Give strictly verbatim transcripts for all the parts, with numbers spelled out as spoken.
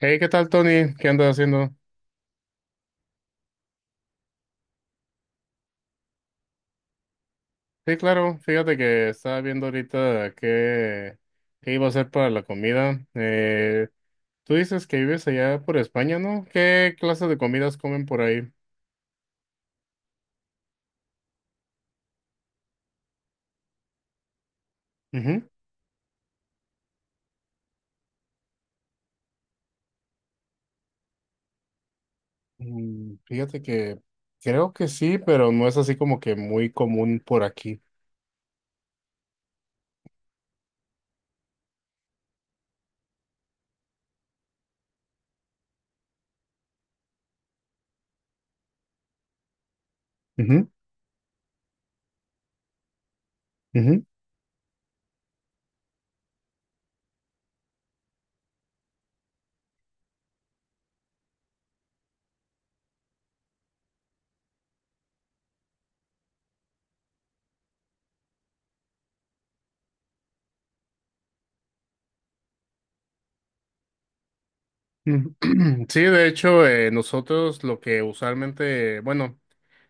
Hey, ¿qué tal, Tony? ¿Qué andas haciendo? Sí, claro, fíjate que estaba viendo ahorita qué, qué iba a hacer para la comida. Eh, tú dices que vives allá por España, ¿no? ¿Qué clase de comidas comen por ahí? Ujú. Mm, fíjate que creo que sí, pero no es así como que muy común por aquí. Ujú, ujú. Ujú. Sí, de hecho, eh, nosotros lo que usualmente, bueno,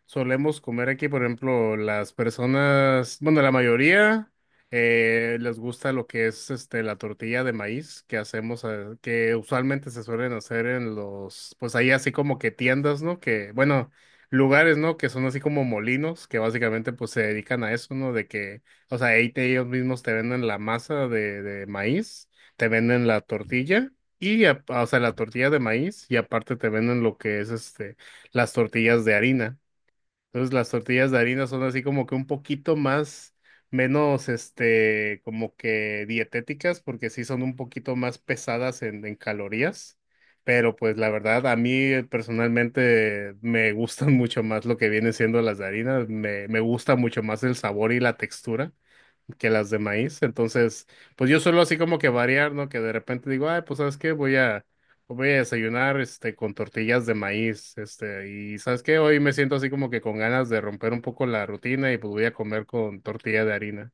solemos comer aquí, por ejemplo, las personas, bueno, la mayoría eh, les gusta lo que es este la tortilla de maíz que hacemos, eh, que usualmente se suelen hacer en los, pues ahí así como que tiendas, ¿no? Que, bueno, lugares, ¿no? Que son así como molinos, que básicamente pues se dedican a eso, ¿no? De que, o sea, ahí te- ellos mismos te venden la masa de, de maíz, te venden la tortilla. Y, a- o sea, la tortilla de maíz y aparte te venden lo que es este, las tortillas de harina. Entonces las tortillas de harina son así como que un poquito más, menos, este, como que dietéticas porque sí son un poquito más pesadas en, en calorías. Pero pues la verdad, a mí eh, personalmente me gustan mucho más lo que vienen siendo las de harina. Me, me gusta mucho más el sabor y la textura que las de maíz. Entonces, pues yo suelo así como que variar, ¿no? Que de repente digo, ay, pues ¿sabes qué? Voy a, voy a desayunar, este, con tortillas de maíz, este, y ¿sabes qué? Hoy me siento así como que con ganas de romper un poco la rutina y pues voy a comer con tortilla de harina.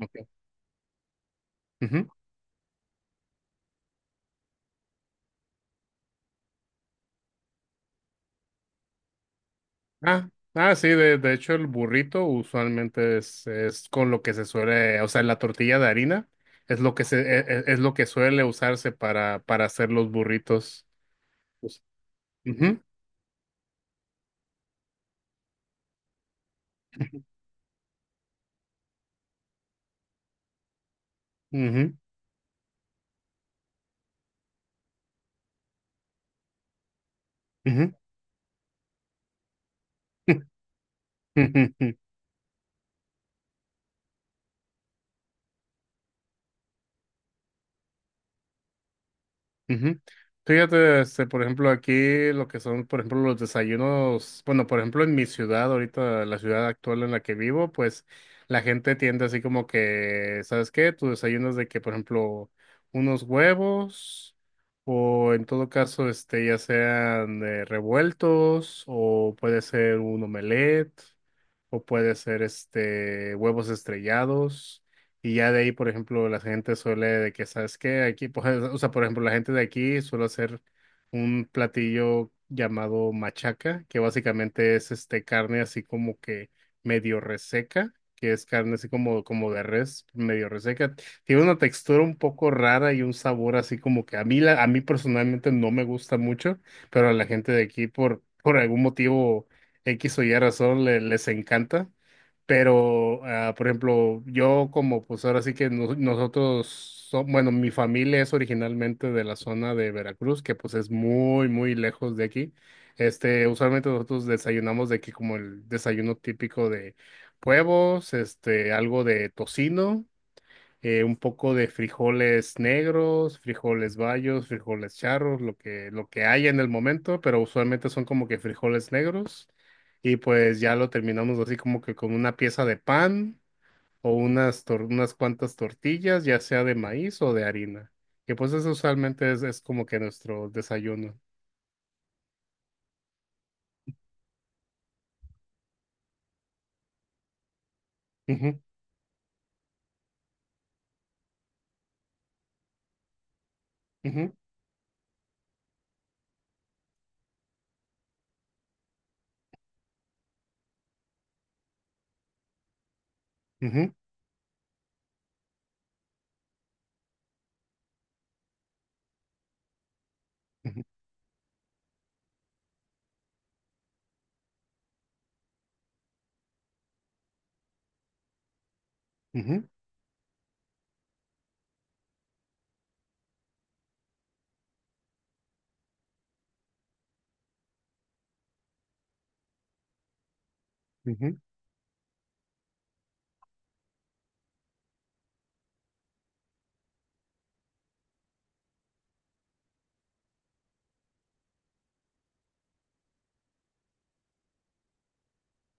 Ok. Ujú. Ah, ah, sí, de, de hecho el burrito usualmente es, es con lo que se suele, o sea, la tortilla de harina es lo que se, e- e- es, lo que suele usarse para, para hacer los burritos. Pues, ujú, ujú, ujú. Ujú. Fíjate, este, por ejemplo, aquí lo que son, por ejemplo, los desayunos, bueno, por ejemplo, en mi ciudad, ahorita, la ciudad actual en la que vivo, pues la gente tiende así como que, ¿sabes qué? Tu desayuno es de que, por ejemplo, unos huevos o en todo caso, este, ya sean eh, revueltos o puede ser un omelette o puede ser, este, huevos estrellados. Y ya de ahí, por ejemplo, la gente suele de que, ¿sabes qué? Aquí, pues, o sea, por ejemplo, la gente de aquí suele hacer un platillo llamado machaca, que básicamente es este carne así como que medio reseca, que es carne así como, como de res, medio reseca. Tiene una textura un poco rara y un sabor así como que a mí, la, a mí personalmente no me gusta mucho, pero a la gente de aquí por, por algún motivo X o Y razón le- les encanta. Pero, ah, por ejemplo, yo como pues ahora sí que no- nosotros, so- bueno, mi familia es originalmente de la zona de Veracruz, que pues es muy, muy lejos de aquí. Este, usualmente nosotros desayunamos de aquí como el desayuno típico de huevos, este, algo de tocino eh, un poco de frijoles negros, frijoles bayos, frijoles charros, lo que, lo que haya en el momento, pero usualmente son como que frijoles negros. Y pues ya lo terminamos así como que con una pieza de pan o unas, tor- unas cuantas tortillas, ya sea de maíz o de harina. Que pues eso usualmente es, es como que nuestro desayuno. Ujú, ujú, ujú, ujú, ujú, ujú,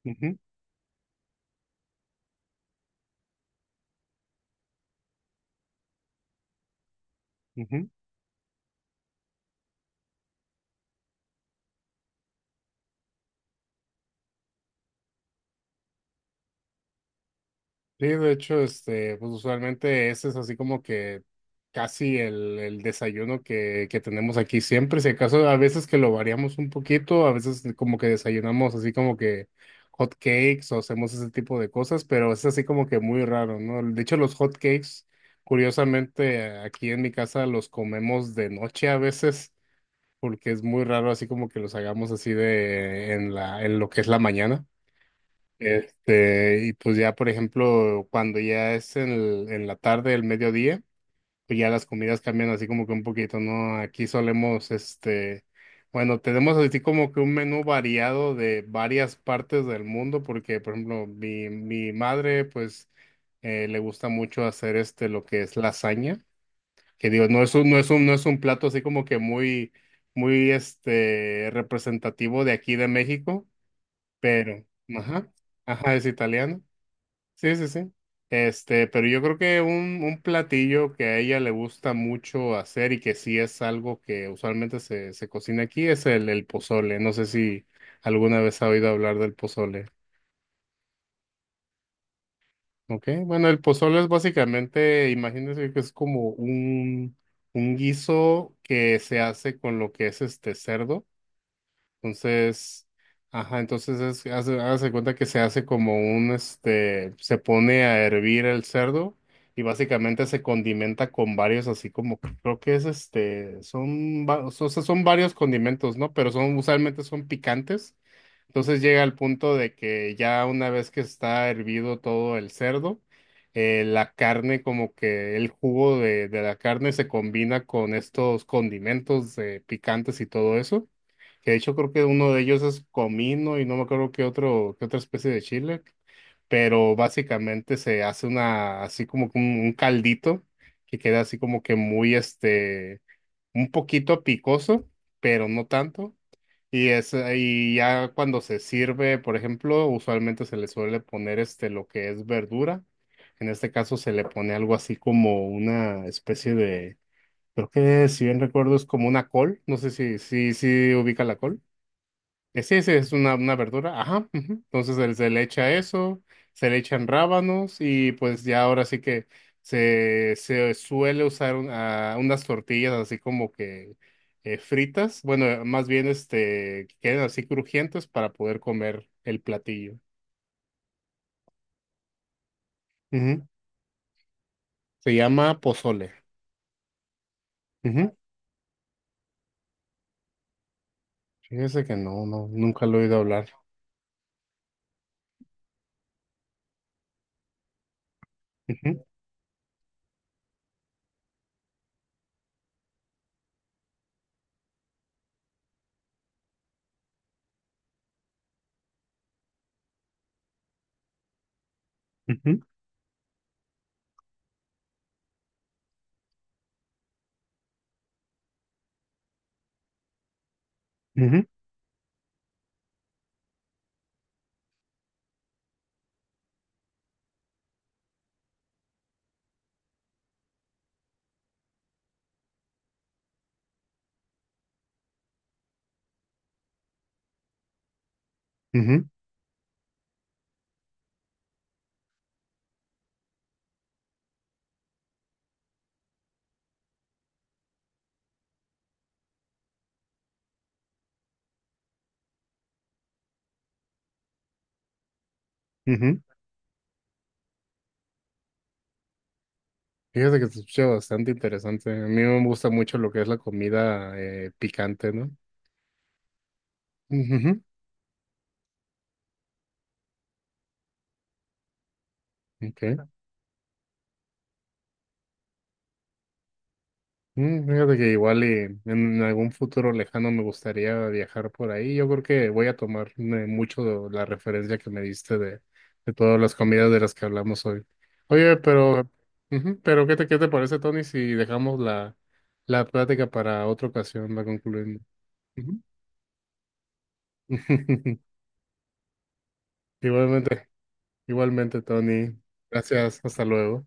ujú, ujú, sí, de hecho, este, pues usualmente ese es así como que casi el, el desayuno que, que tenemos aquí siempre. Si acaso a veces que lo variamos un poquito, a veces como que desayunamos así como que hot cakes o hacemos ese tipo de cosas, pero es así como que muy raro, ¿no? De hecho, los hot cakes, curiosamente, aquí en mi casa los comemos de noche a veces, porque es muy raro así como que los hagamos así de en la, en lo que es la mañana. Este, y pues ya, por ejemplo, cuando ya es en, el- en la tarde, el mediodía, pues ya las comidas cambian así como que un poquito, ¿no? Aquí solemos, este, bueno, tenemos así como que un menú variado de varias partes del mundo, porque, por ejemplo, mi, mi madre, pues, eh, le gusta mucho hacer este, lo que es lasaña, que digo, no es un, no es un, no es un plato así como que muy, muy, este, representativo de aquí de México, pero, ajá, ajá, es italiano. Sí, sí, sí. Este, pero yo creo que un, un platillo que a ella le gusta mucho hacer y que sí es algo que usualmente se, se cocina aquí es el, el pozole. No sé si alguna vez ha oído hablar del pozole. ¿Ok? Bueno, el pozole es básicamente, imagínense que es como un, un guiso que se hace con lo que es este cerdo. Entonces, ajá, entonces es, hace, hágase cuenta que se hace como un, este, se pone a hervir el cerdo y básicamente se condimenta con varios, así como, que creo que es este, son, va- o sea, son varios condimentos, ¿no? Pero son, usualmente son picantes. Entonces llega al punto de que ya una vez que está hervido todo el cerdo, eh, la carne, como que el jugo de, de la carne se combina con estos condimentos eh, picantes y todo eso. Que de hecho creo que uno de ellos es comino y no me acuerdo qué otro, qué otra especie de chile, pero básicamente se hace una, así como que un, un caldito que queda así como que muy, este, un poquito picoso, pero no tanto. Y es, y ya cuando se sirve, por ejemplo, usualmente se le suele poner este, lo que es verdura. En este caso se le pone algo así como una especie de, creo que si bien recuerdo es como una col, no sé si, si, si ubica la col. Eh, sí, sí, es una, una verdura, ajá. Ujú. Entonces se, se le echa eso, se le echan rábanos y pues ya ahora sí que se, se suele usar un- ah, unas tortillas así como que eh, fritas, bueno, más bien este, que queden así crujientes para poder comer el platillo. Ujú. Se llama pozole. Ujú. Fíjese que no, no, nunca lo he oído hablar. Ujú, ujú, ujú, ujú, ujú. Fíjate que se escucha bastante interesante. A mí me gusta mucho lo que es la comida eh, picante, ¿no? Ujujú, okay. Mm, fíjate que igual y en algún futuro lejano me gustaría viajar por ahí. Yo creo que voy a tomar eh, mucho la referencia que me diste de, de todas las comidas de las que hablamos hoy. Oye, pero, ujú, pero ¿qué te, qué te parece, Tony, si dejamos la, la plática para otra ocasión, la concluimos? Ujú. Igualmente, igualmente, Tony. Gracias, hasta luego.